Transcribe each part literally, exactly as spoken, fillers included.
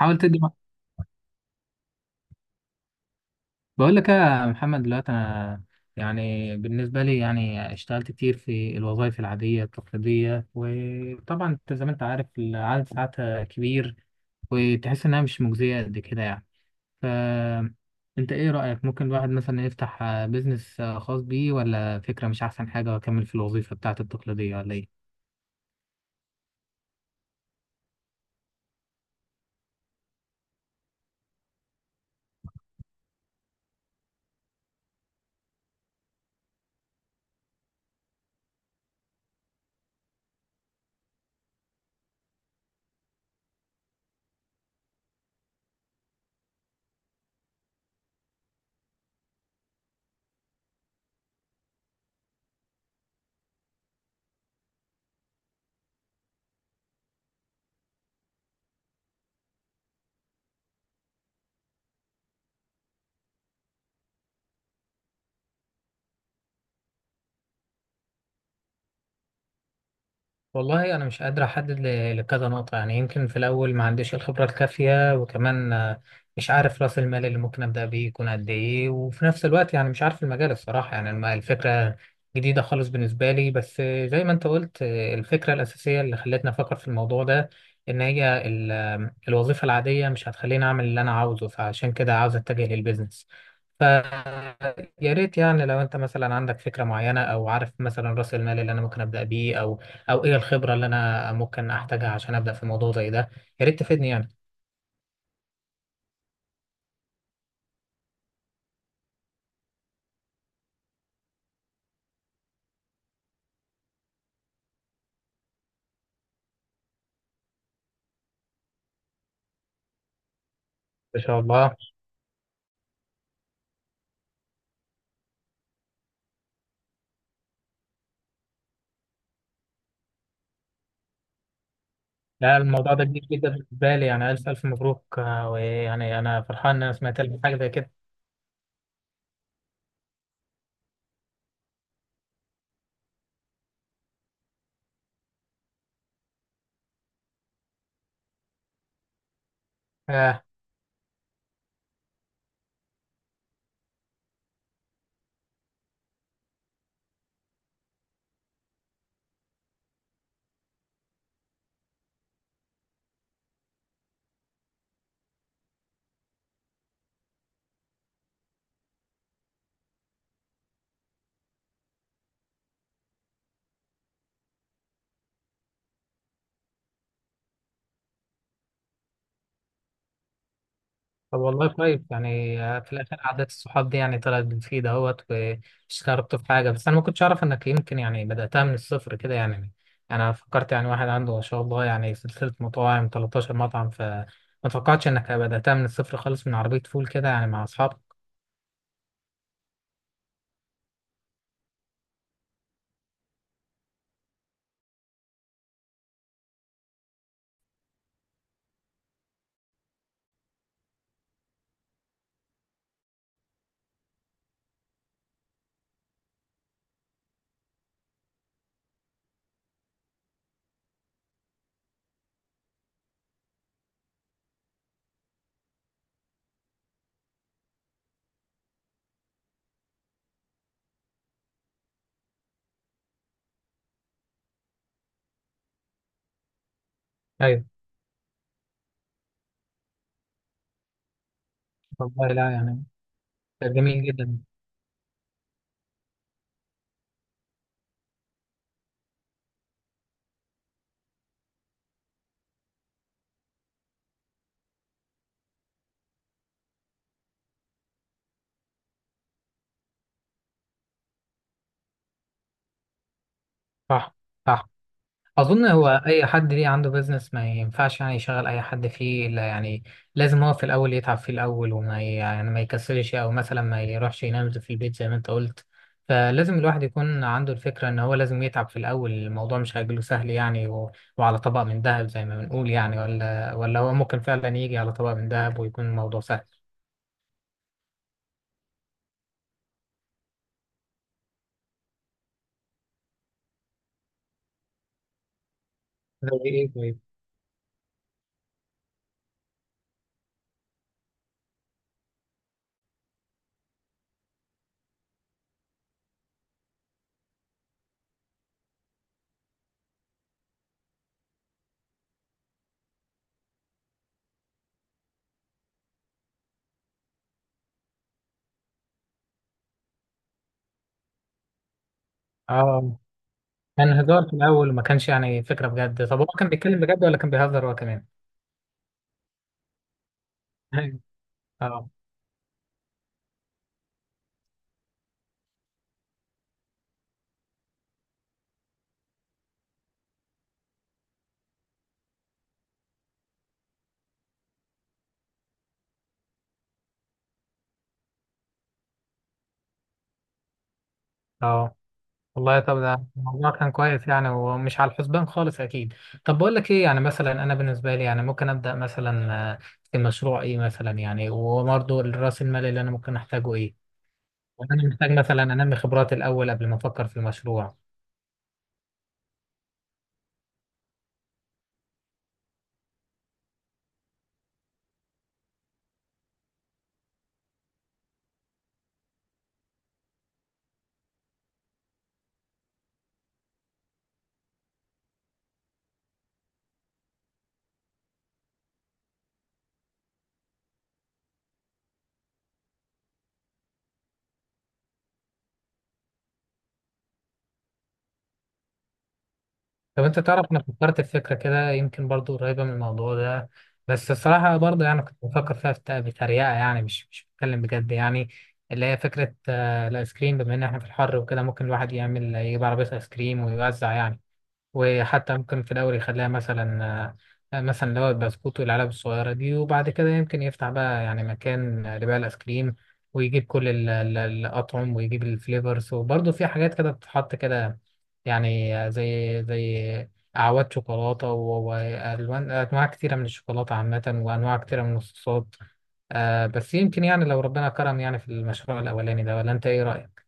حاول تدي مع- بقول لك يا محمد، دلوقتي انا، يعني بالنسبه لي، يعني اشتغلت كتير في الوظائف العاديه التقليديه، وطبعا انت زي ما انت عارف العدد ساعاتها كبير. وتحس انها مش مجزيه قد كده يعني. ف انت ايه رايك؟ ممكن الواحد مثلا يفتح بيزنس خاص بيه، ولا فكره مش احسن حاجه واكمل في الوظيفه بتاعته التقليديه، ولا ايه؟ والله أنا مش قادر أحدد ل- لكذا نقطة، يعني يمكن في الأول ما عنديش الخبرة الكافية، وكمان آه، مش عارف رأس المال اللي ممكن أبدأ بيه يكون قد إيه. وفي نفس الوقت يعني مش عارف المجال الصراحة، يعني الم- الفكرة جديدة خالص بالنسبة لي. بس آه، زي ما أنت قلت، آه، الفكرة الأساسية اللي خلتني أفكر في الموضوع ده إن هي ال- آه، الوظيفة العادية مش هتخليني أعمل اللي أنا عاوزه، فعشان كده عاوز أتجه للبيزنس. ف يا ريت يعني لو انت مثلا عندك فكرة معينة، او عارف مثلا راس المال اللي انا ممكن ابدأ بيه، او او ايه الخبره اللي انا ممكن احتاجها عشان ابدا في موضوع زي ده. يا ريت تفيدني يعني. ان شاء الله. لا، الموضوع ده كبير جدا بالنسبه لي. يعني الف الف مبروك، آه، ويعني انا فرحان ان انا سمعت لك حاجه زي كده. آه، طب والله كويس. يعني آه، في الاخر عادات الصحاب دي يعني طلعت بتفيد اهوت، واشتركت في حاجه. بس انا ما كنتش اعرف انك يمكن يعني بداتها من الصفر كده يعني. انا فكرت يعني واحد عنده ما شاء الله يعني سلسله مطاعم ثلاتاشر مطعم، فما توقعتش انك بداتها من الصفر خالص من عربيه فول كده يعني مع اصحابك. ايوه. والله، لا يعني، ده جميل جدا. صح. صح. اظن هو اي حد ليه عنده بيزنس ما ينفعش يعني يشغل اي حد فيه، الا يعني لازم هو في الاول يتعب فيه الاول، وما ي- يعني ما يكسلش او مثلا ما يروحش ينام في البيت زي ما انت قلت. فلازم الواحد يكون عنده الفكره ان هو لازم يتعب في الاول. الموضوع مش هيجيله سهل يعني و... وعلى طبق من ذهب زي ما بنقول، يعني ولا ولا هو ممكن فعلا يجي على طبق من ذهب ويكون الموضوع سهل. زي ايه طيب؟ اه. كان هزار في الاول، وما كانش يعني فكره بجد. طب هو كان بيتكلم بجد، ولا كان بيهزر هو كمان؟ أيوة. اه. اه. والله طب ده الموضوع كان كويس يعني، ومش على الحسبان خالص اكيد. طب بقول لك ايه، يعني مثلا انا بالنسبه لي يعني ممكن ابدا مثلا آه، في مشروع ايه مثلا يعني؟ وبرضه راس المال اللي انا ممكن احتاجه ايه؟ يعني انا محتاج مثلا انمي خبراتي الاول قبل ما افكر في المشروع. طب انت تعرف انا فكرت في فكره كده يمكن برضو قريبه من الموضوع ده، بس الصراحه برضو يعني كنت بفكر فيها بت- بتريقه، يعني مش مش بتكلم بجد يعني. اللي هي فكره آه، الايس كريم. بما ان احنا في الحر وكده ممكن الواحد يعمل يجيب عربيه ايس كريم ويوزع يعني. وحتى ممكن في الأول يخليها مثلا آه، مثلا اللي هو البسكوت والعلب الصغيرة دي، وبعد كده يمكن يفتح بقى يعني مكان لبيع الآيس كريم، ويجيب كل ال- ال- الأطعم، ويجيب الفليفرز. وبرضه في حاجات كده بتتحط كده، يعني آه، زي زي أعواد شوكولاتة و- وألوان، أنواع كتيرة من الشوكولاتة عامة، وأنواع كتيرة من الصوصات. آه، بس يمكن يعني لو ربنا كرم يعني في المشروع الأولاني ده، ولا أنت إيه رأيك؟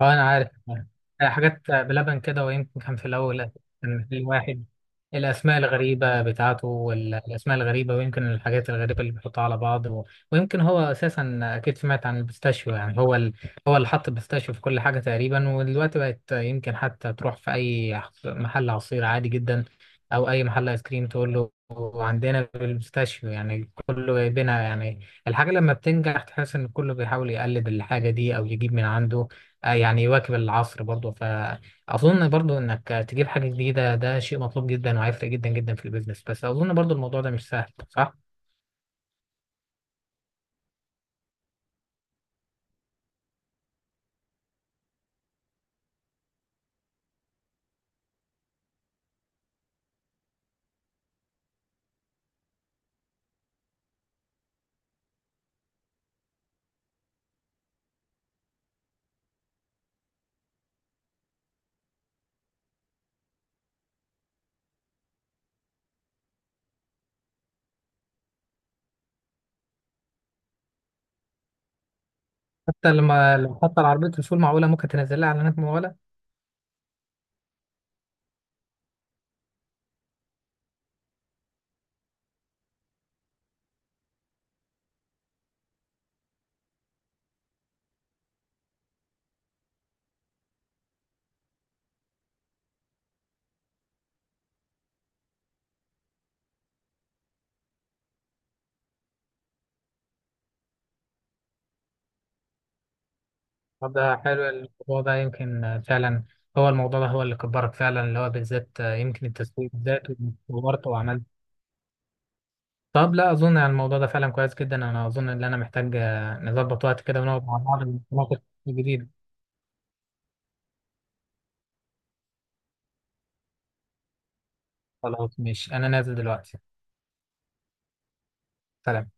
اه، انا عارف. آه، حاجات بلبن كده، ويمكن كان في الاول كان في واحد، الاسماء الغريبه بتاعته، والاسماء الغريبه، ويمكن الحاجات الغريبه اللي بيحطها على بعض، و... ويمكن هو اساسا اكيد سمعت عن البيستاشيو. يعني هو ال... هو اللي حط البيستاشيو في كل حاجه تقريبا، ودلوقتي بقت يمكن حتى تروح في اي عص- محل عصير عادي جدا او اي محل ايس كريم، تقول له عندنا البيستاشيو. يعني كله جايبينها يعني. الحاجه لما بتنجح تحس ان كله بيحاول يقلد الحاجه دي، او يجيب من عنده آه، يعني يواكب العصر برضه. فأظن برضه إنك تجيب حاجة جديدة ده شيء مطلوب جدا، وهيفرق جدا جدا في البيزنس. بس أظن برضه الموضوع ده مش سهل، صح؟ حتى لما، لو حتى العربية رسول، معقولة ممكن تنزل لها إعلانات ممولة؟ طب ده حلو الموضوع ده، يمكن آه، فعلا هو الموضوع ده هو اللي كبرك فعلا، اللي هو بالذات آه، يمكن التسويق بالذات. وورط وعملت. طب لا أظن يعني الموضوع ده فعلا كويس جدا. أنا أظن إن أنا محتاج آه، نظبط وقت كده ونقعد مع بعض ونتناقش في الجديد. خلاص ماشي، أنا نازل دلوقتي. سلام.